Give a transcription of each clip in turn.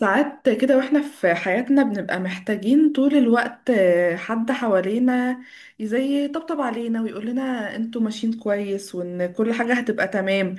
ساعات كده واحنا في حياتنا بنبقى محتاجين طول الوقت حد حوالينا زي يطبطب علينا ويقول لنا انتوا ماشيين كويس وان كل حاجة هتبقى تمام.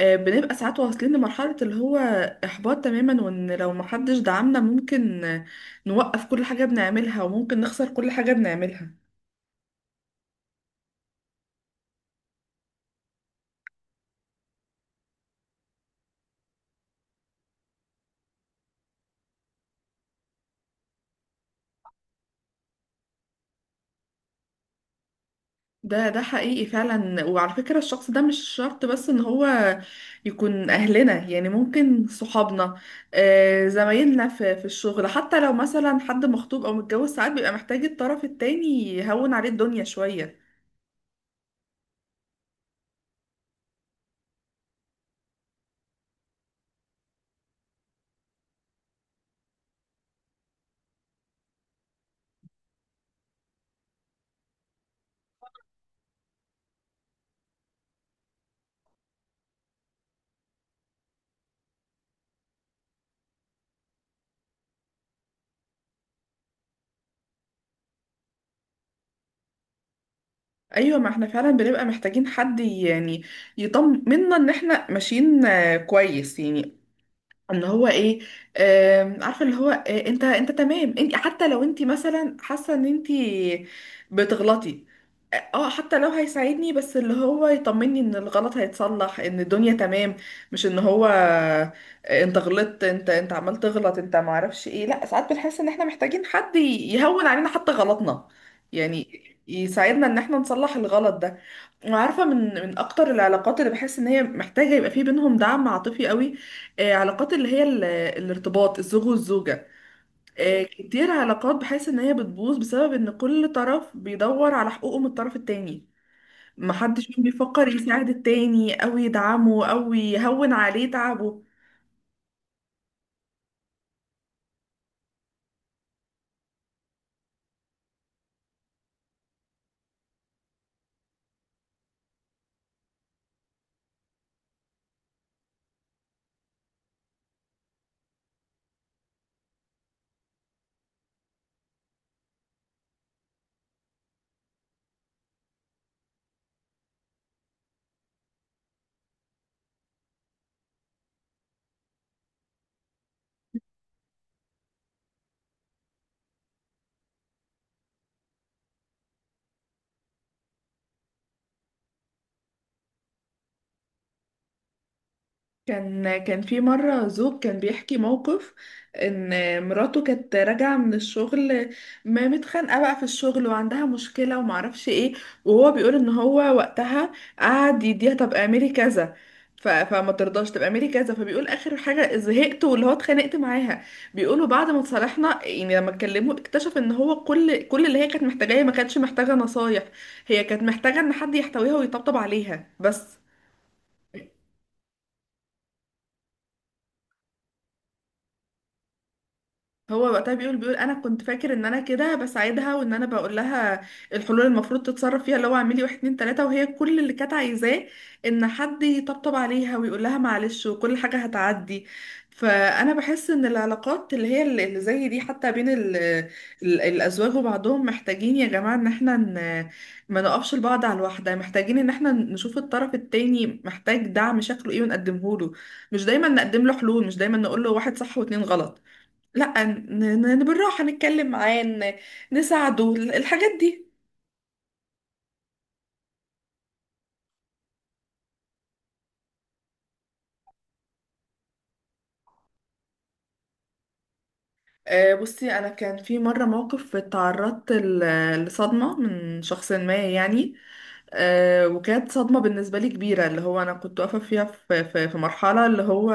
بنبقى ساعات واصلين لمرحلة اللي هو احباط تماما، وان لو محدش دعمنا ممكن نوقف كل حاجة بنعملها وممكن نخسر كل حاجة بنعملها. ده حقيقي فعلا، وعلى فكرة الشخص ده مش شرط بس ان هو يكون اهلنا، يعني ممكن صحابنا، زمايلنا في الشغل، حتى لو مثلا حد مخطوب او متجوز ساعات بيبقى محتاج الطرف التاني يهون عليه الدنيا شوية. ايوه، ما احنا فعلا بنبقى محتاجين حد يعني يطمنا ان احنا ماشيين كويس، يعني ان هو ايه، عارفه اللي هو انت تمام، انت حتى لو انت مثلا حاسه ان انت بتغلطي. حتى لو هيساعدني بس اللي هو يطمني ان الغلط هيتصلح، ان الدنيا تمام، مش ان هو انت غلطت، انت عمال تغلط، انت ما اعرفش ايه. لا ساعات بنحس ان احنا محتاجين حد يهون علينا حتى غلطنا يعني، يساعدنا ان احنا نصلح الغلط ده. وعارفه من اكتر العلاقات اللي بحس ان هي محتاجه يبقى في بينهم دعم عاطفي قوي، علاقات اللي هي الارتباط الزوج والزوجه. كتير علاقات بحس ان هي بتبوظ بسبب ان كل طرف بيدور على حقوقه من الطرف التاني، محدش فيهم بيفكر يساعد التاني او يدعمه او يهون عليه تعبه. كان في مرة زوج كان بيحكي موقف ان مراته كانت راجعة من الشغل، ما متخانقة بقى في الشغل وعندها مشكلة ومعرفش ايه، وهو بيقول ان هو وقتها قعد يديها طب اعملي كذا، فما ترضاش، طب اعملي كذا، فبيقول اخر حاجة زهقت واللي هو اتخانقت معاها. بيقولوا بعد ما اتصالحنا يعني لما اتكلموا اكتشف ان هو كل اللي هي كانت محتاجاه، هي ما كانتش محتاجة نصايح، هي كانت محتاجة ان حد يحتويها ويطبطب عليها بس. هو وقتها بيقول انا كنت فاكر ان انا كده بساعدها وان انا بقول لها الحلول المفروض تتصرف فيها، اللي هو اعملي واحد اتنين تلاته، وهي كل اللي كانت عايزاه ان حد يطبطب عليها ويقول لها معلش وكل حاجه هتعدي. فانا بحس ان العلاقات اللي هي اللي زي دي حتى بين ال الازواج وبعضهم، محتاجين يا جماعه ان احنا ما نقفش لبعض على الواحده، محتاجين ان احنا نشوف الطرف التاني محتاج دعم شكله ايه ونقدمه له، مش دايما نقدم له حلول، مش دايما نقول له واحد صح واتنين غلط. لا بالراحة نتكلم معاه، نساعده الحاجات دي. بصي انا كان في مره موقف اتعرضت لصدمه من شخص ما يعني، وكانت صدمه بالنسبه لي كبيره، اللي هو انا كنت واقفه فيها في مرحله اللي هو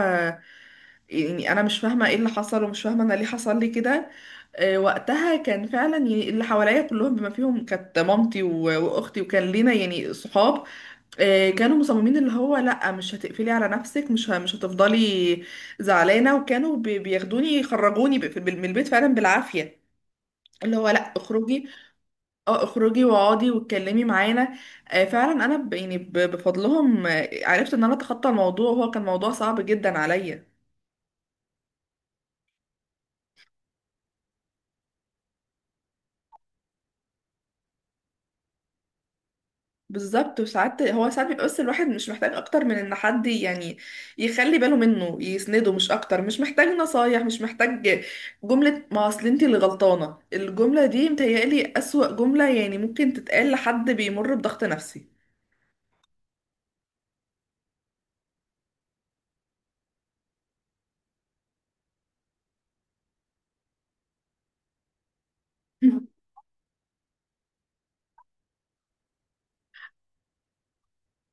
يعني انا مش فاهمه ايه اللي حصل ومش فاهمه انا ليه حصل لي كده. وقتها كان فعلا اللي حواليا كلهم، بما فيهم كانت مامتي واختي، وكان لينا يعني صحاب، كانوا مصممين اللي هو لا مش هتقفلي على نفسك، مش هتفضلي زعلانه، وكانوا بياخدوني يخرجوني من البيت فعلا بالعافيه، اللي هو لا اخرجي، اه اخرجي واقعدي واتكلمي معانا. فعلا انا يعني بفضلهم عرفت ان انا اتخطى الموضوع، هو كان موضوع صعب جدا عليا. بالظبط، وساعات هو ساعات بيبقى بس الواحد مش محتاج اكتر من ان حد يعني يخلي باله منه، يسنده، مش اكتر، مش محتاج نصايح، مش محتاج جملة ما اصل انت اللي غلطانة. الجملة دي متهيألي اسوأ جملة يعني ممكن تتقال لحد بيمر بضغط نفسي. مم.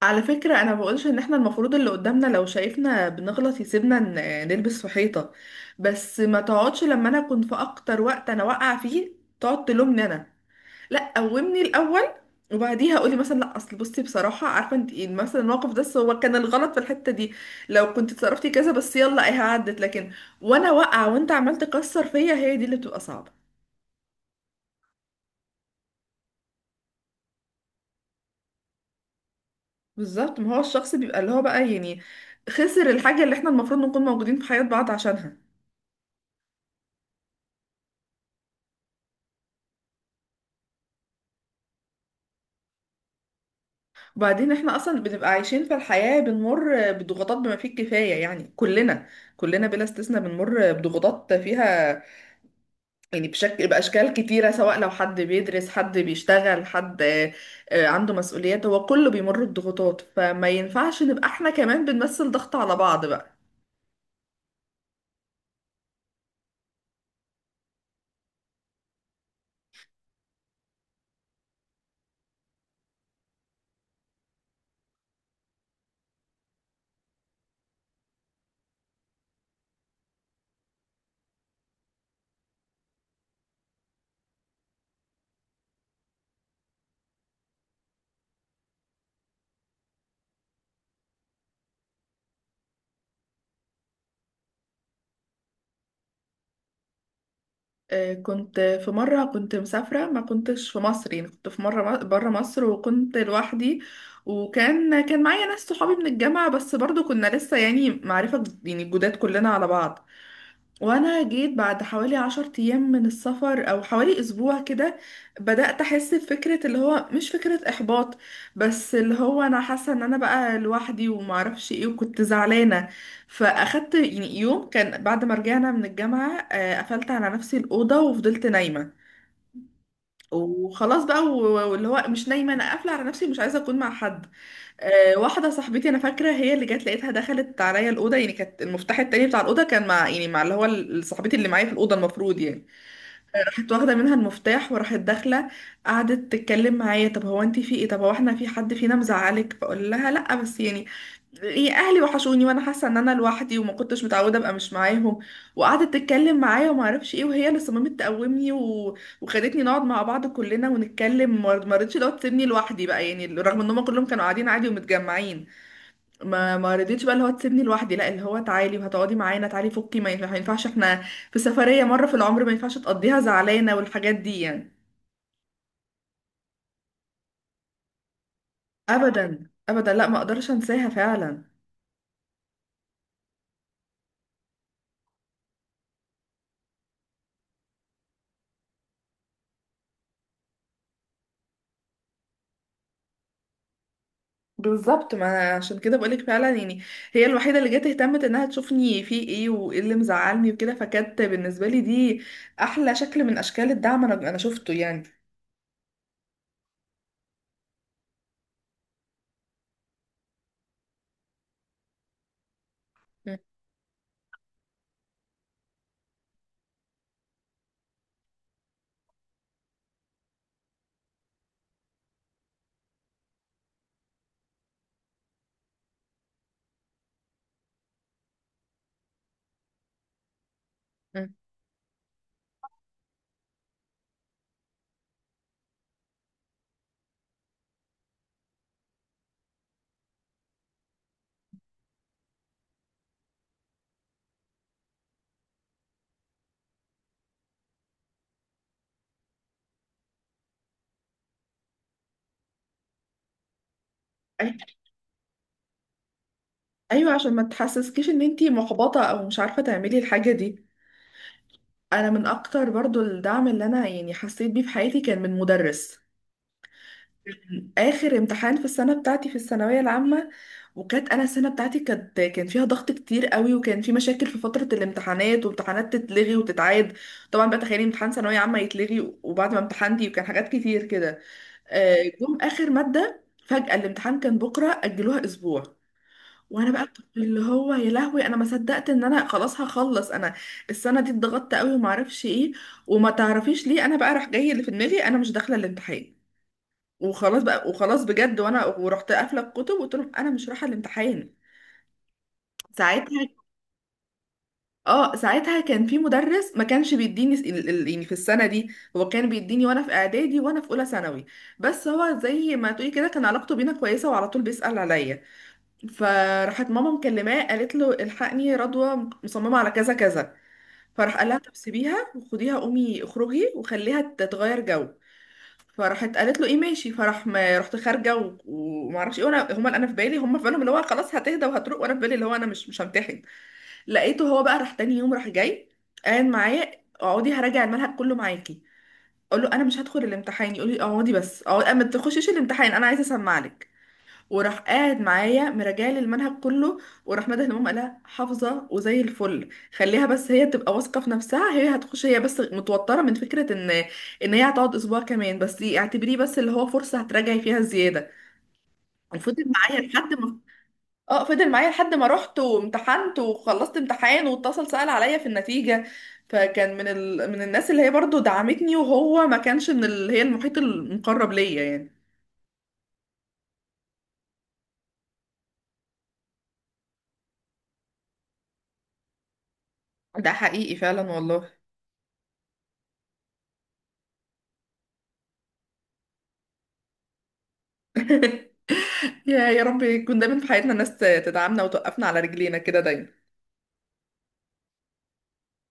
على فكرة أنا بقولش إن إحنا المفروض اللي قدامنا لو شايفنا بنغلط يسيبنا نلبس في حيطة، بس ما تقعدش لما أنا أكون في أكتر وقت أنا واقعة فيه تقعد تلومني أنا. لا قومني الاول، وبعديها قولي مثلا لا اصل بصي بصراحه عارفه انت ايه مثلا الموقف ده، بس هو كان الغلط في الحته دي، لو كنت اتصرفتي كذا، بس يلا ايه عدت، لكن وانا واقعه وانت عمال تكسر فيا، هي دي اللي بتبقى صعبه. بالظبط، ما هو الشخص بيبقى اللي هو بقى يعني خسر الحاجه اللي احنا المفروض نكون موجودين في حياه بعض عشانها. وبعدين احنا اصلا بنبقى عايشين في الحياه بنمر بضغوطات بما فيه الكفايه يعني، كلنا كلنا بلا استثناء بنمر بضغوطات فيها يعني بشكل بأشكال كتيرة، سواء لو حد بيدرس، حد بيشتغل، حد عنده مسؤوليات، هو كله بيمر بضغوطات، فما ينفعش نبقى احنا كمان بنمثل ضغط على بعض بقى. كنت في مرة كنت مسافرة ما كنتش في مصر، يعني كنت في مرة برا مصر وكنت لوحدي، وكان معايا ناس صحابي من الجامعة بس برضو كنا لسه يعني معرفة يعني جداد كلنا على بعض. وانا جيت بعد حوالي 10 ايام من السفر او حوالي اسبوع كده بدأت احس بفكرة اللي هو مش فكرة احباط، بس اللي هو انا حاسة ان انا بقى لوحدي ومعرفش ايه، وكنت زعلانة. فاخدت يعني يوم كان بعد ما رجعنا من الجامعة قفلت على نفسي الأوضة وفضلت نايمة وخلاص بقى، واللي هو مش نايمة، انا قافلة على نفسي مش عايزة اكون مع حد. واحدة صاحبتي أنا فاكرة هي اللي جت لقيتها دخلت عليا الأوضة، يعني كانت المفتاح التاني بتاع الأوضة كان مع يعني مع اللي هو صاحبتي اللي معايا في الأوضة المفروض يعني، راحت واخده منها المفتاح وراحت داخله، قعدت تتكلم معايا طب هو انت في ايه، طب هو احنا في حد فينا مزعلك، فاقول لها لا بس يعني ايه، اهلي وحشوني وانا حاسه ان انا لوحدي وما كنتش متعوده ابقى مش معاهم. وقعدت تتكلم معايا وما اعرفش ايه، وهي اللي صممت تقومني وخدتني نقعد مع بعض كلنا ونتكلم، ما رضتش لو تسيبني لوحدي بقى يعني، رغم ان هم كلهم كانوا قاعدين عادي ومتجمعين ما رضيتش بقى اللي هو تسيبني لوحدي، لا اللي هو تعالي وهتقعدي معانا تعالي فكي، ما ينفعش احنا في سفرية مرة في العمر ما ينفعش تقضيها زعلانة والحاجات دي يعني. ابدا ابدا لا ما اقدرش انساها فعلا. بالظبط ما عشان كده بقولك فعلا يعني هي الوحيدة اللي جت اهتمت انها تشوفني في ايه وايه اللي مزعلني وكده، فكانت بالنسبة لي دي احلى شكل من اشكال الدعم انا شفته يعني. مم. مم. أي- ايوه عشان ما تحسسكيش ان انتي محبطة او مش عارفة تعملي الحاجة دي. انا من اكتر برضو الدعم اللي انا يعني حسيت بيه في حياتي كان من مدرس اخر امتحان في السنه بتاعتي في الثانويه العامه، وكانت انا السنه بتاعتي كانت كان فيها ضغط كتير قوي، وكان في مشاكل في فتره الامتحانات وامتحانات تتلغي وتتعاد، طبعا بقى تخيلي امتحان ثانويه عامه يتلغي وبعد ما امتحنتي، وكان حاجات كتير كده، آه، جم اخر ماده فجاه الامتحان كان بكره اجلوها اسبوع، وانا بقى كنت اللي هو يا لهوي انا ما صدقت ان انا خلاص هخلص، انا السنه دي اتضغطت قوي وما اعرفش ايه، وما تعرفيش ليه انا بقى راح جاي اللي في دماغي انا مش داخله الامتحان وخلاص بقى، وخلاص بجد وانا ورحت قافله الكتب وقلت لهم انا مش رايحه الامتحان ساعتها. اه ساعتها كان في مدرس ما كانش بيديني يعني في السنه دي، هو كان بيديني وانا في اعدادي وانا في اولى ثانوي، بس هو زي ما تقولي كده كان علاقته بينا كويسه وعلى طول بيسأل عليا. فراحت ماما مكلماه قالت له الحقني رضوى مصممه على كذا كذا، فراح قال لها طب سيبيها وخديها قومي اخرجي وخليها تتغير جو، فراحت قالت له ايه ماشي، فراح ما رحت خارجه وما اعرفش ايه، وانا هما انا في بالي هما في بالهم اللي هو خلاص هتهدى وهتروق، وانا في بالي اللي هو انا مش همتحن. لقيته هو بقى راح تاني يوم راح جاي قاعد معايا اقعدي هراجع المنهج كله معاكي، اقول له انا مش هدخل الامتحان يقول لي اقعدي بس اقعد ما تخشيش الامتحان انا عايزه اسمع لك. وراح قاعد معايا مراجعلي المنهج كله، وراح مدح الامام قالها حافظه وزي الفل، خليها بس هي تبقى واثقه في نفسها هي هتخش، هي بس متوتره من فكره ان ان هي هتقعد اسبوع كمان بس اعتبريه بس اللي هو فرصه هتراجعي فيها زياده. وفضل معايا لحد ما اه فضل معايا لحد ما رحت وامتحنت وخلصت امتحان واتصل سأل عليا في النتيجه، فكان من من الناس اللي هي برضو دعمتني، وهو ما كانش من اللي هي المحيط المقرب ليا يعني. ده حقيقي فعلا والله. يا رب يكون دايما في حياتنا ناس تدعمنا وتوقفنا على رجلينا كده دايما